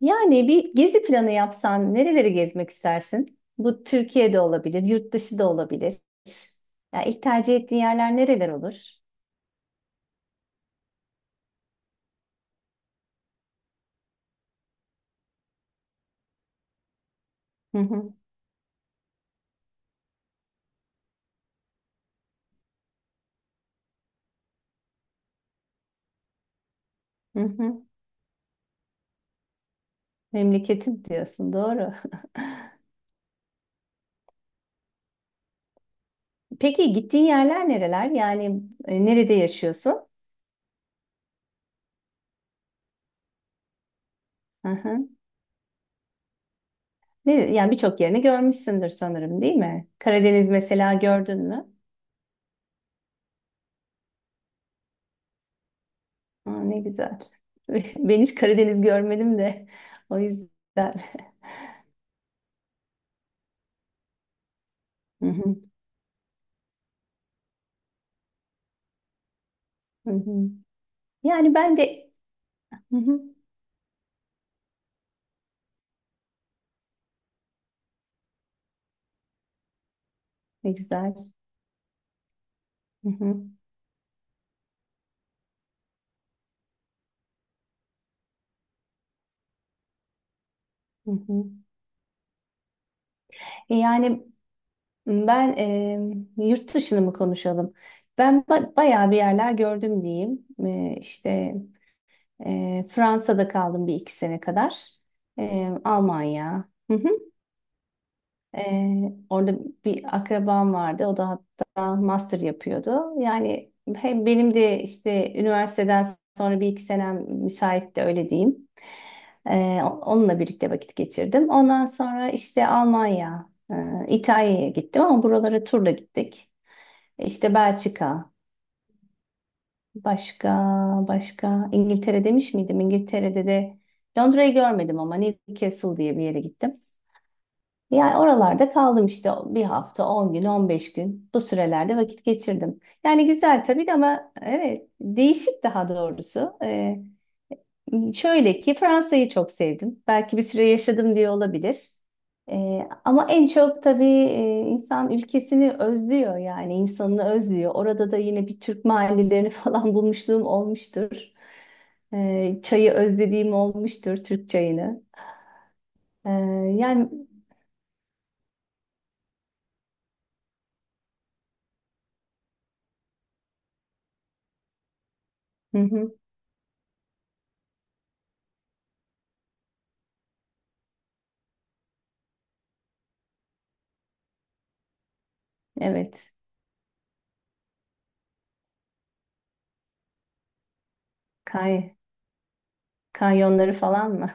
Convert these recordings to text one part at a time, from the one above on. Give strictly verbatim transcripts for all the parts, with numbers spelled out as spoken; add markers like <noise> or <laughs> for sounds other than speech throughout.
Yani bir gezi planı yapsan nereleri gezmek istersin? Bu Türkiye'de olabilir, yurt dışı da olabilir. Ya ilk tercih ettiğin yerler nereler olur? Hı hı, hı hı. Memleketim diyorsun, doğru. <laughs> Peki gittiğin yerler nereler? Yani e, nerede yaşıyorsun? Hı hı. Ne, yani birçok yerini görmüşsündür sanırım, değil mi? Karadeniz mesela gördün mü? Aa, ne güzel. <laughs> Ben hiç Karadeniz görmedim de <laughs> o yüzden. <laughs> Hı hı, hı hı. Yani ben de. Hı hı. Ne güzel. Hı hı, hı hı. E Yani ben, e, yurt dışını mı konuşalım? Ben ba- bayağı bir yerler gördüm diyeyim. E, işte e, Fransa'da kaldım bir iki sene kadar. E, Almanya. Hı hı. Ee, orada bir akrabam vardı. O da hatta master yapıyordu. Yani hem benim de işte üniversiteden sonra bir iki senem müsaitti öyle diyeyim. Ee, onunla birlikte vakit geçirdim. Ondan sonra işte Almanya, e, İtalya'ya gittim ama buralara turla gittik. E, İşte Belçika, başka başka İngiltere demiş miydim? İngiltere'de de Londra'yı görmedim ama Newcastle diye bir yere gittim. Yani oralarda kaldım işte bir hafta, on gün, on beş gün bu sürelerde vakit geçirdim. Yani güzel tabii de ama evet değişik daha doğrusu. Ee, şöyle ki Fransa'yı çok sevdim. Belki bir süre yaşadım diye olabilir. Ee, ama en çok tabii e, insan ülkesini özlüyor yani insanını özlüyor. Orada da yine bir Türk mahallelerini <laughs> falan bulmuşluğum olmuştur. Ee, çayı özlediğim olmuştur, Türk çayını. Ee, Yani hı hı, evet. Kay Kanyonları falan mı?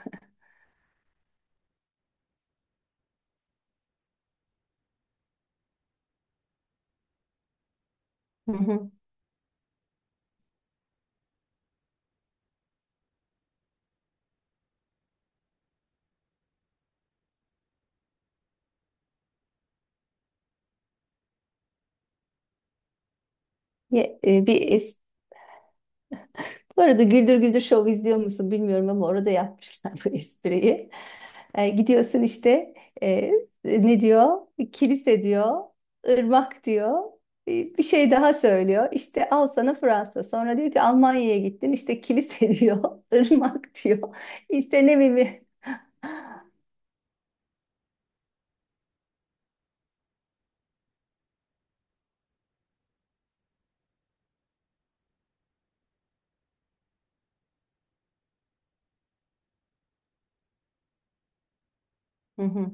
<laughs> Hı hı. Ye- e, Bir es- Bu arada Güldür Güldür Show izliyor musun bilmiyorum ama orada yapmışlar <laughs> bu espriyi. E, gidiyorsun işte, e, ne diyor? Kilise diyor, ırmak diyor. E, bir şey daha söylüyor. İşte al sana Fransa. Sonra diyor ki Almanya'ya gittin. İşte kilise <laughs> diyor, ırmak diyor. İşte ne bileyim. Hı hı,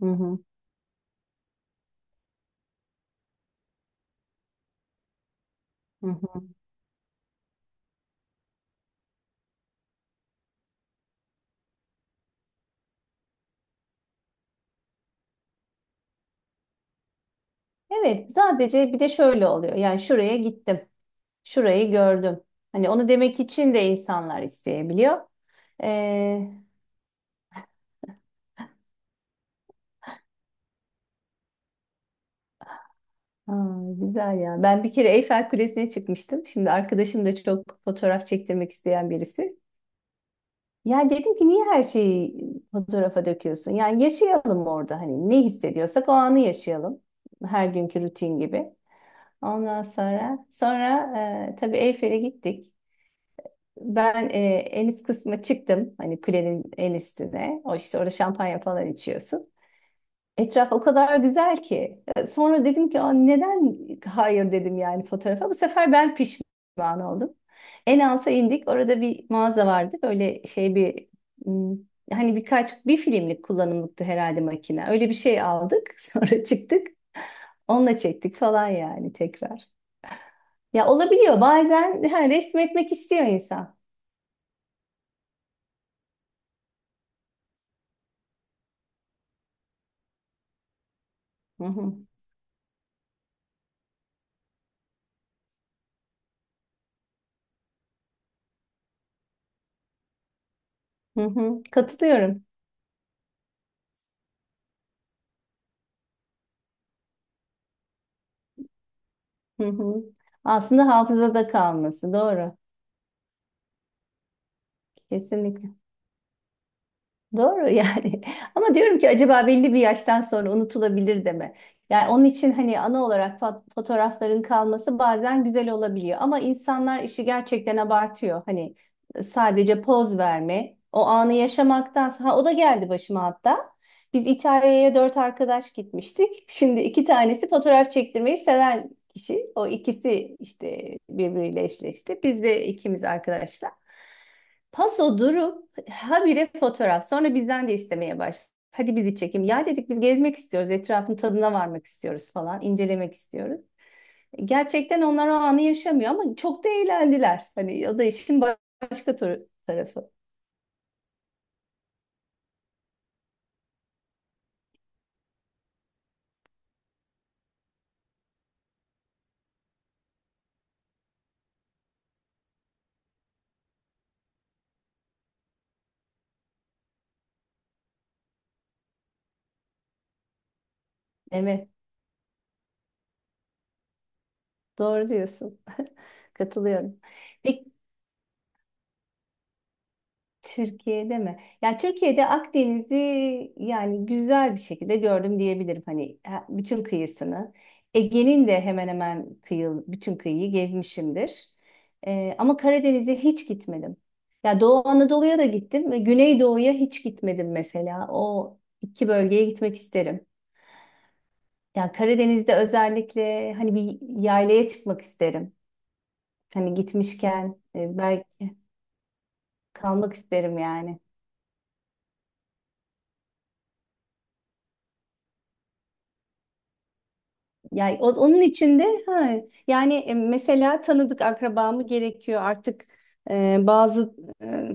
hı hı, hı hı. Evet, sadece bir de şöyle oluyor. Yani şuraya gittim. Şurayı gördüm. Hani onu demek için de insanlar isteyebiliyor. Ee, Aa, güzel ya. Ben bir kere Eyfel Kulesi'ne çıkmıştım. Şimdi arkadaşım da çok fotoğraf çektirmek isteyen birisi. Ya dedim ki niye her şeyi fotoğrafa döküyorsun? Yani yaşayalım orada, hani ne hissediyorsak o anı yaşayalım. Her günkü rutin gibi. Ondan sonra sonra e, tabii Eyfel'e gittik. Ben, e, en üst kısma çıktım. Hani kulenin en üstüne. O işte orada şampanya falan içiyorsun. Etraf o kadar güzel ki. E, Sonra dedim ki, "Aa, neden hayır," dedim yani fotoğrafa. Bu sefer ben pişman oldum. En alta indik. Orada bir mağaza vardı. Böyle şey bir, hmm, hani birkaç bir filmlik kullanımlıktı herhalde makine. Öyle bir şey aldık. <laughs> Sonra çıktık. Onunla çektik falan yani tekrar. Ya olabiliyor. Bazen ha, resmetmek istiyor insan. Hı hı. Hı hı. Katılıyorum. Hı hı. Aslında hafızada kalması. Doğru. Kesinlikle. Doğru yani. <laughs> Ama diyorum ki acaba belli bir yaştan sonra unutulabilir de mi? Yani onun için hani ana olarak fo- fotoğrafların kalması bazen güzel olabiliyor. Ama insanlar işi gerçekten abartıyor. Hani sadece poz verme, o anı yaşamaktansa. Ha, o da geldi başıma hatta. Biz İtalya'ya dört arkadaş gitmiştik. <laughs> Şimdi iki tanesi fotoğraf çektirmeyi seven kişi. O ikisi işte birbiriyle eşleşti. Biz de ikimiz arkadaşlar. Paso durup habire fotoğraf. Sonra bizden de istemeye baş. Hadi bizi çekim. Ya dedik biz gezmek istiyoruz. Etrafın tadına varmak istiyoruz falan. İncelemek istiyoruz. Gerçekten onlar o anı yaşamıyor ama çok da eğlendiler. Hani o da işin başka tarafı. Evet, doğru diyorsun. Katılıyorum. Peki Türkiye'de mi? Ya Türkiye'de Akdeniz'i yani güzel bir şekilde gördüm diyebilirim. Hani he- bütün kıyısını. Ege'nin de hemen hemen kıyı, bütün kıyıyı gezmişimdir. Ee, ama Karadeniz'e hiç gitmedim. Ya Doğu Anadolu'ya da gittim ve Güneydoğu'ya hiç gitmedim mesela. O iki bölgeye gitmek isterim. Ya Karadeniz'de özellikle hani bir yaylaya çıkmak isterim. Hani gitmişken, e, belki kalmak isterim yani. Yani o- onun içinde, ha, yani, e, mesela tanıdık akrabamı gerekiyor artık, e, bazı, e,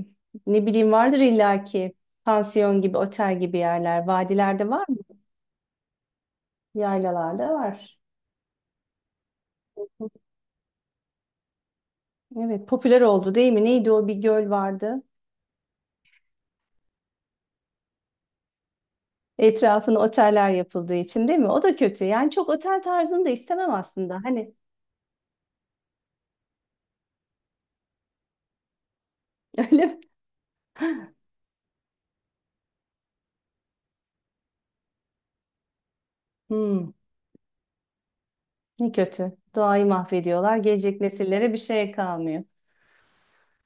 ne bileyim vardır illaki pansiyon gibi otel gibi yerler, vadilerde var mı? Yaylalarda var. Evet, popüler oldu değil mi? Neydi, o bir göl vardı. Etrafına oteller yapıldığı için değil mi? O da kötü. Yani çok otel tarzını da istemem aslında. Hani <laughs> öyle mi? Hmm, Ne kötü. Doğayı mahvediyorlar. Gelecek nesillere bir şey kalmıyor.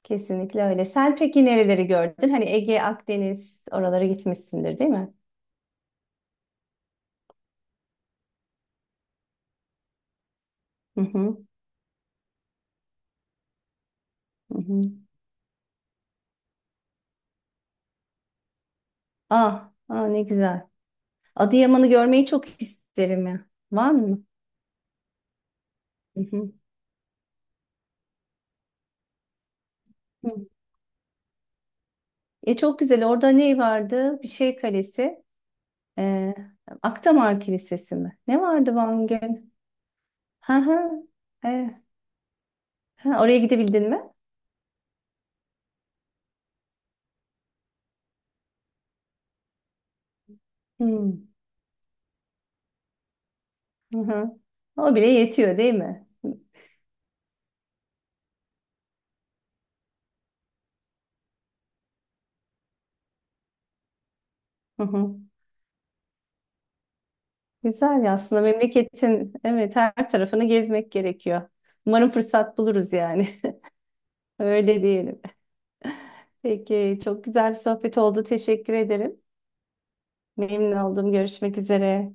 Kesinlikle öyle. Sen peki nereleri gördün? Hani Ege, Akdeniz oralara gitmişsindir, değil mi? Hı hı. Hı hı. Ah, ah ne güzel. Adıyaman'ı görmeyi çok isterim ya. Van mı? Hı hı. Hı. E çok güzel. Orada ne vardı? Bir şey kalesi. Ee, Akdamar Kilisesi mi? Ne vardı Van Gölü? Ha ha. E, ha, Oraya gidebildin mi? Hı. Hı hı. O bile yetiyor, değil mi? Hı hı. Güzel ya, aslında memleketin evet her tarafını gezmek gerekiyor. Umarım fırsat buluruz yani. <laughs> Öyle diyelim. Peki, çok güzel bir sohbet oldu. Teşekkür ederim. Memnun oldum. Görüşmek üzere.